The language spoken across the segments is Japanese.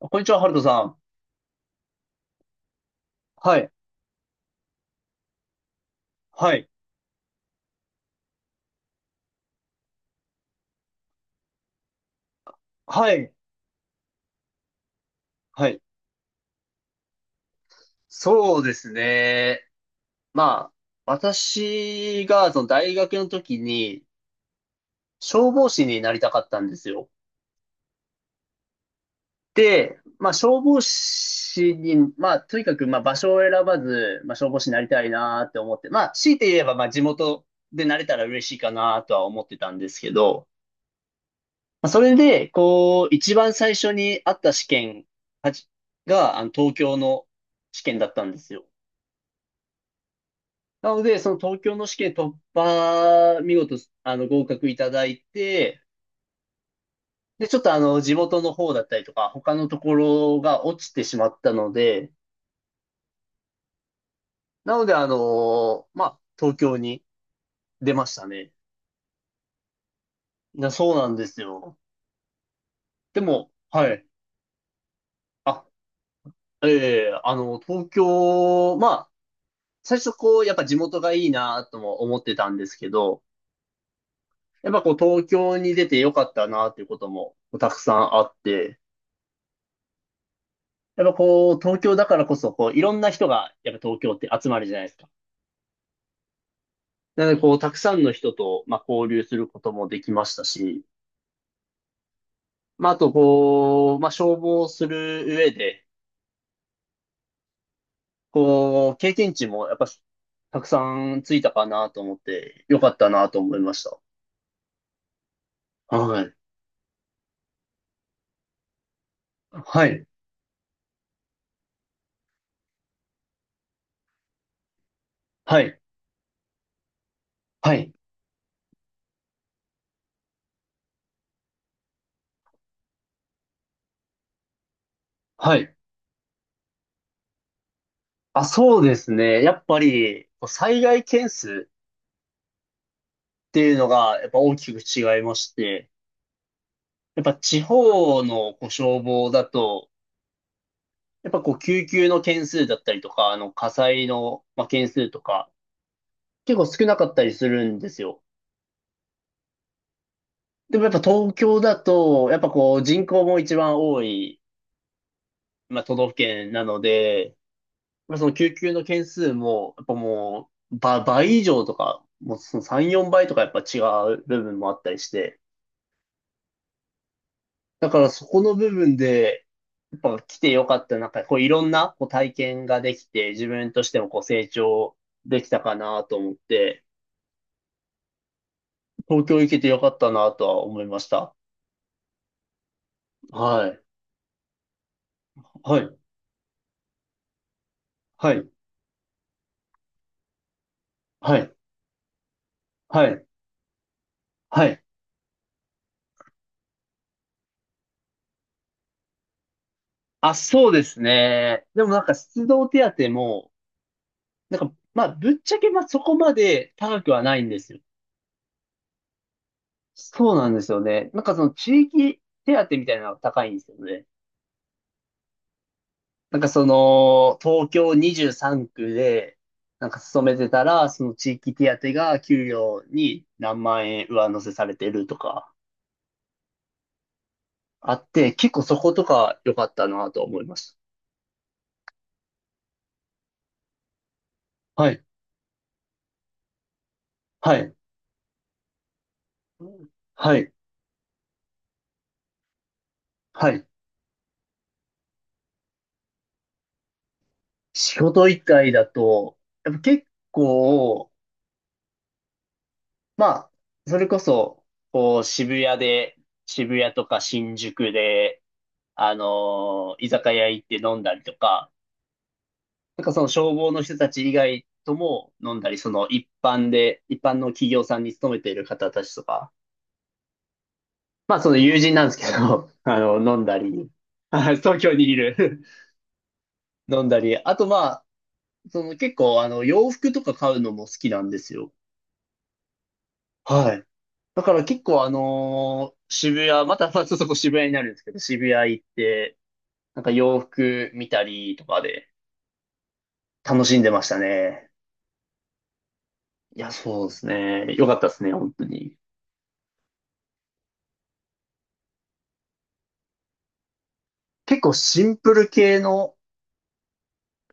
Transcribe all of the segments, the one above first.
こんにちは、ハルトさん。はい、はい、はい、はい。そうですね。まあ、私が、その大学の時に、消防士になりたかったんですよ。で、まあ、消防士に、まあ、とにかく、まあ、場所を選ばず、まあ、消防士になりたいなって思って、まあ、強いて言えば、まあ、地元でなれたら嬉しいかなとは思ってたんですけど、まあ、それで、こう、一番最初にあった試験はじが、東京の試験だったんですよ。なので、その東京の試験突破、見事、合格いただいて、で、ちょっと地元の方だったりとか、他のところが落ちてしまったので、なので、まあ、東京に出ましたね。そうなんですよ。でも、はい。あ、え東京、まあ、最初こう、やっぱ地元がいいなとも思ってたんですけど、やっぱこう、東京に出てよかったなっていうこともたくさんあって、やっぱこう、東京だからこそ、こう、いろんな人が、やっぱ東京って集まるじゃないですか。なので、こう、たくさんの人と、まあ、交流することもできましたし、まあ、あと、こう、まあ、消防する上で、こう、経験値も、やっぱ、たくさんついたかなと思って、よかったなと思いました。はい。はい。はい。はい。はい。あ、そうですね。やっぱり、こう災害件数っていうのが、やっぱ大きく違いまして、やっぱ地方のこう消防だと、やっぱこう、救急の件数だったりとか、火災の、まあ、件数とか、結構少なかったりするんですよ。でもやっぱ東京だと、やっぱこう、人口も一番多い、まあ、都道府県なので、まあ、その救急の件数も、やっぱもう、倍以上とか、もうその3、4倍とかやっぱ違う部分もあったりして、だからそこの部分で、やっぱ来てよかった、なんかこういろんなこう体験ができて、自分としてもこう成長できたかなと思って、東京行けてよかったなとは思いました。はい。はい。はい。はい。はい。はい。あ、そうですね。でもなんか出動手当も、なんか、まあ、ぶっちゃけまあそこまで高くはないんですよ。そうなんですよね。なんかその地域手当みたいなのが高いんですよね。なんかその、東京23区で、なんか勤めてたら、その地域手当が給料に何万円上乗せされてるとかあって、結構そことか良かったなと思いました。はい、はい、はい、はい。仕事以外だと、やっぱ結構、まあ、それこそ、こう、渋谷で、渋谷とか新宿で、居酒屋行って飲んだりとか、なんかその消防の人たち以外とも飲んだり、その一般の企業さんに勤めている方たちとか、まあその友人なんですけど、飲んだり、はい東京にいる 飲んだり、あとその結構洋服とか買うのも好きなんですよ。はい。だから結構渋谷、またまあちょっとこう渋谷になるんですけど、渋谷行って、なんか洋服見たりとかで楽しんでましたね。いや、そうですね。よかったですね、本当に。結構シンプル系の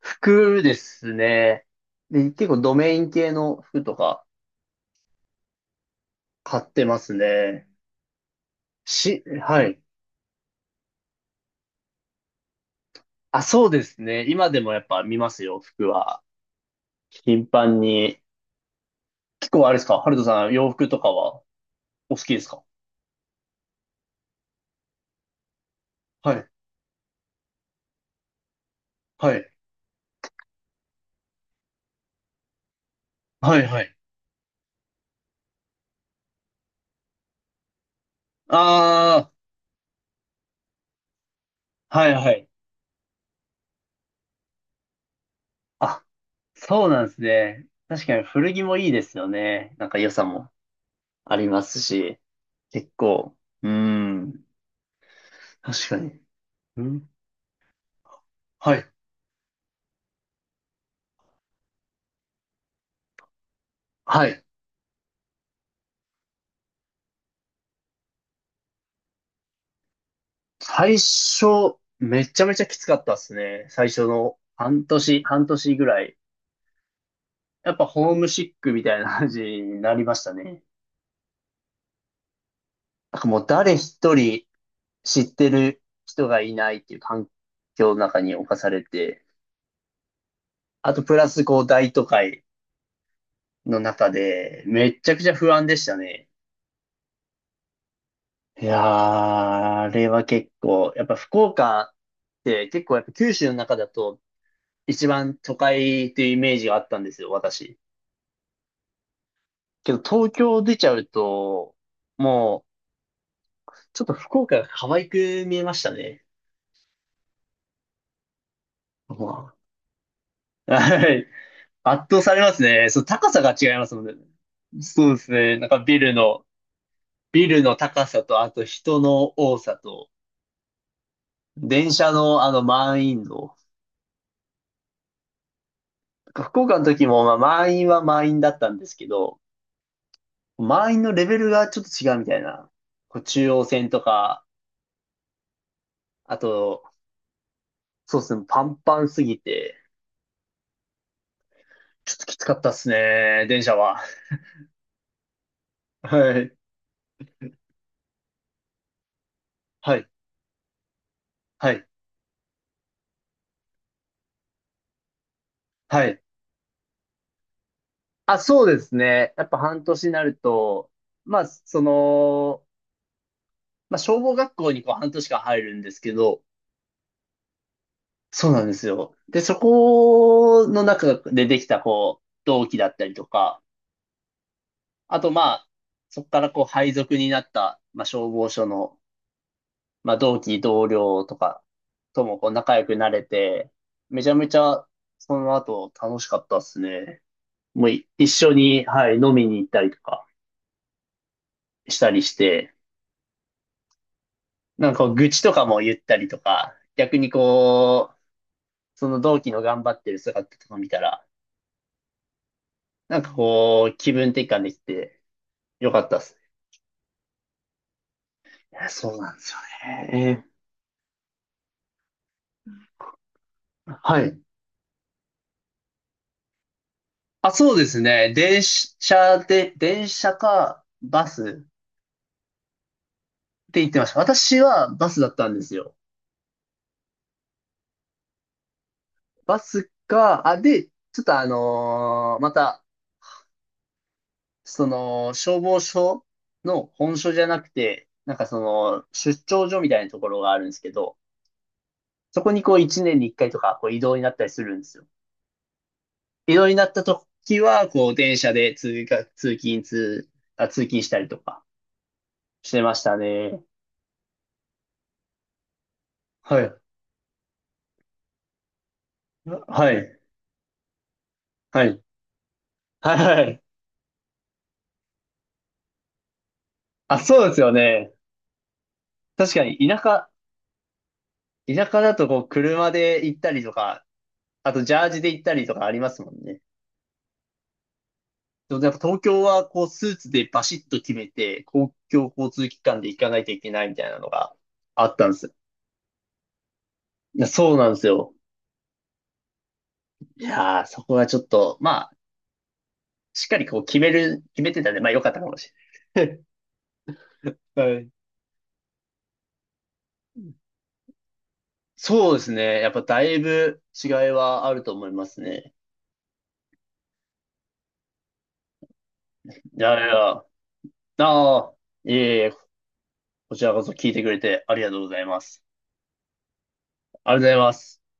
服ですね。で、結構ドメイン系の服とか買ってますね。はい。あ、そうですね。今でもやっぱ見ますよ、服は。頻繁に。結構あれですかハルトさん、洋服とかはお好きですか？はい、はい、はい、はい。ああー、はいはい。あ、そうなんですね。確かに古着もいいですよね。なんか良さもありますし、結構。うーん、確かに。うん、はい、はい。最初、めちゃめちゃきつかったっすね。最初の半年ぐらい。やっぱホームシックみたいな感じになりましたね。なんかもう誰一人知ってる人がいないっていう環境の中に侵されて、あとプラスこう大都会の中でめっちゃくちゃ不安でしたね。いやー、あれは結構、やっぱ福岡って結構やっぱ九州の中だと一番都会っていうイメージがあったんですよ、私。けど東京出ちゃうと、もうちょっと福岡が可愛く見えましたね。まあ はい。圧倒されますね。そう、高さが違いますもんね。そうですね。なんかビルの高さと、あと人の多さと、電車の満員の、福岡の時もまあ満員は満員だったんですけど、満員のレベルがちょっと違うみたいな。こう中央線とか、あと、そうですね、パンパンすぎて、ちょっときつかったっすね、電車は。はい、はい、はい、はい。あ、そうですね。やっぱ半年になると、まあ、その、まあ、消防学校にこう半年間入るんですけど、そうなんですよ。で、そこの中でできたこう、同期だったりとか、あとまあ、そこからこう配属になった、まあ、消防署の、まあ、同期同僚とかともこう仲良くなれて、めちゃめちゃその後楽しかったっすね。もう一緒に、はい、飲みに行ったりとかしたりして、なんかこう愚痴とかも言ったりとか、逆にこう、その同期の頑張ってる姿とか見たら、なんかこう、気分転換できてよかったっすね。そうなんですよね。はい。あ、そうですね。電車かバスって言ってました。私はバスだったんですよ。バスか、あ、で、ちょっとまた、その、消防署の本署じゃなくて、なんかその、出張所みたいなところがあるんですけど、そこにこう1年に1回とかこう移動になったりするんですよ。移動になった時は、こう、電車で通学、通勤、通、あ、通勤したりとかしてましたね。はい。はい。はい。はい。あ、そうですよね。確かに、田舎だと、こう、車で行ったりとか、あと、ジャージで行ったりとかありますもんね。でも、やっぱ東京は、こう、スーツでバシッと決めて、公共交通機関で行かないといけないみたいなのがあったんです。いやそうなんですよ。いやー、そこがちょっと、しっかりこう決めてたんで、まあ良かったかもしれない。はい。そうですね。やっぱだいぶ違いはあると思いますね。いやいや、ああ、いえいえ、こちらこそ聞いてくれてありがとうございます。ありがとうございます。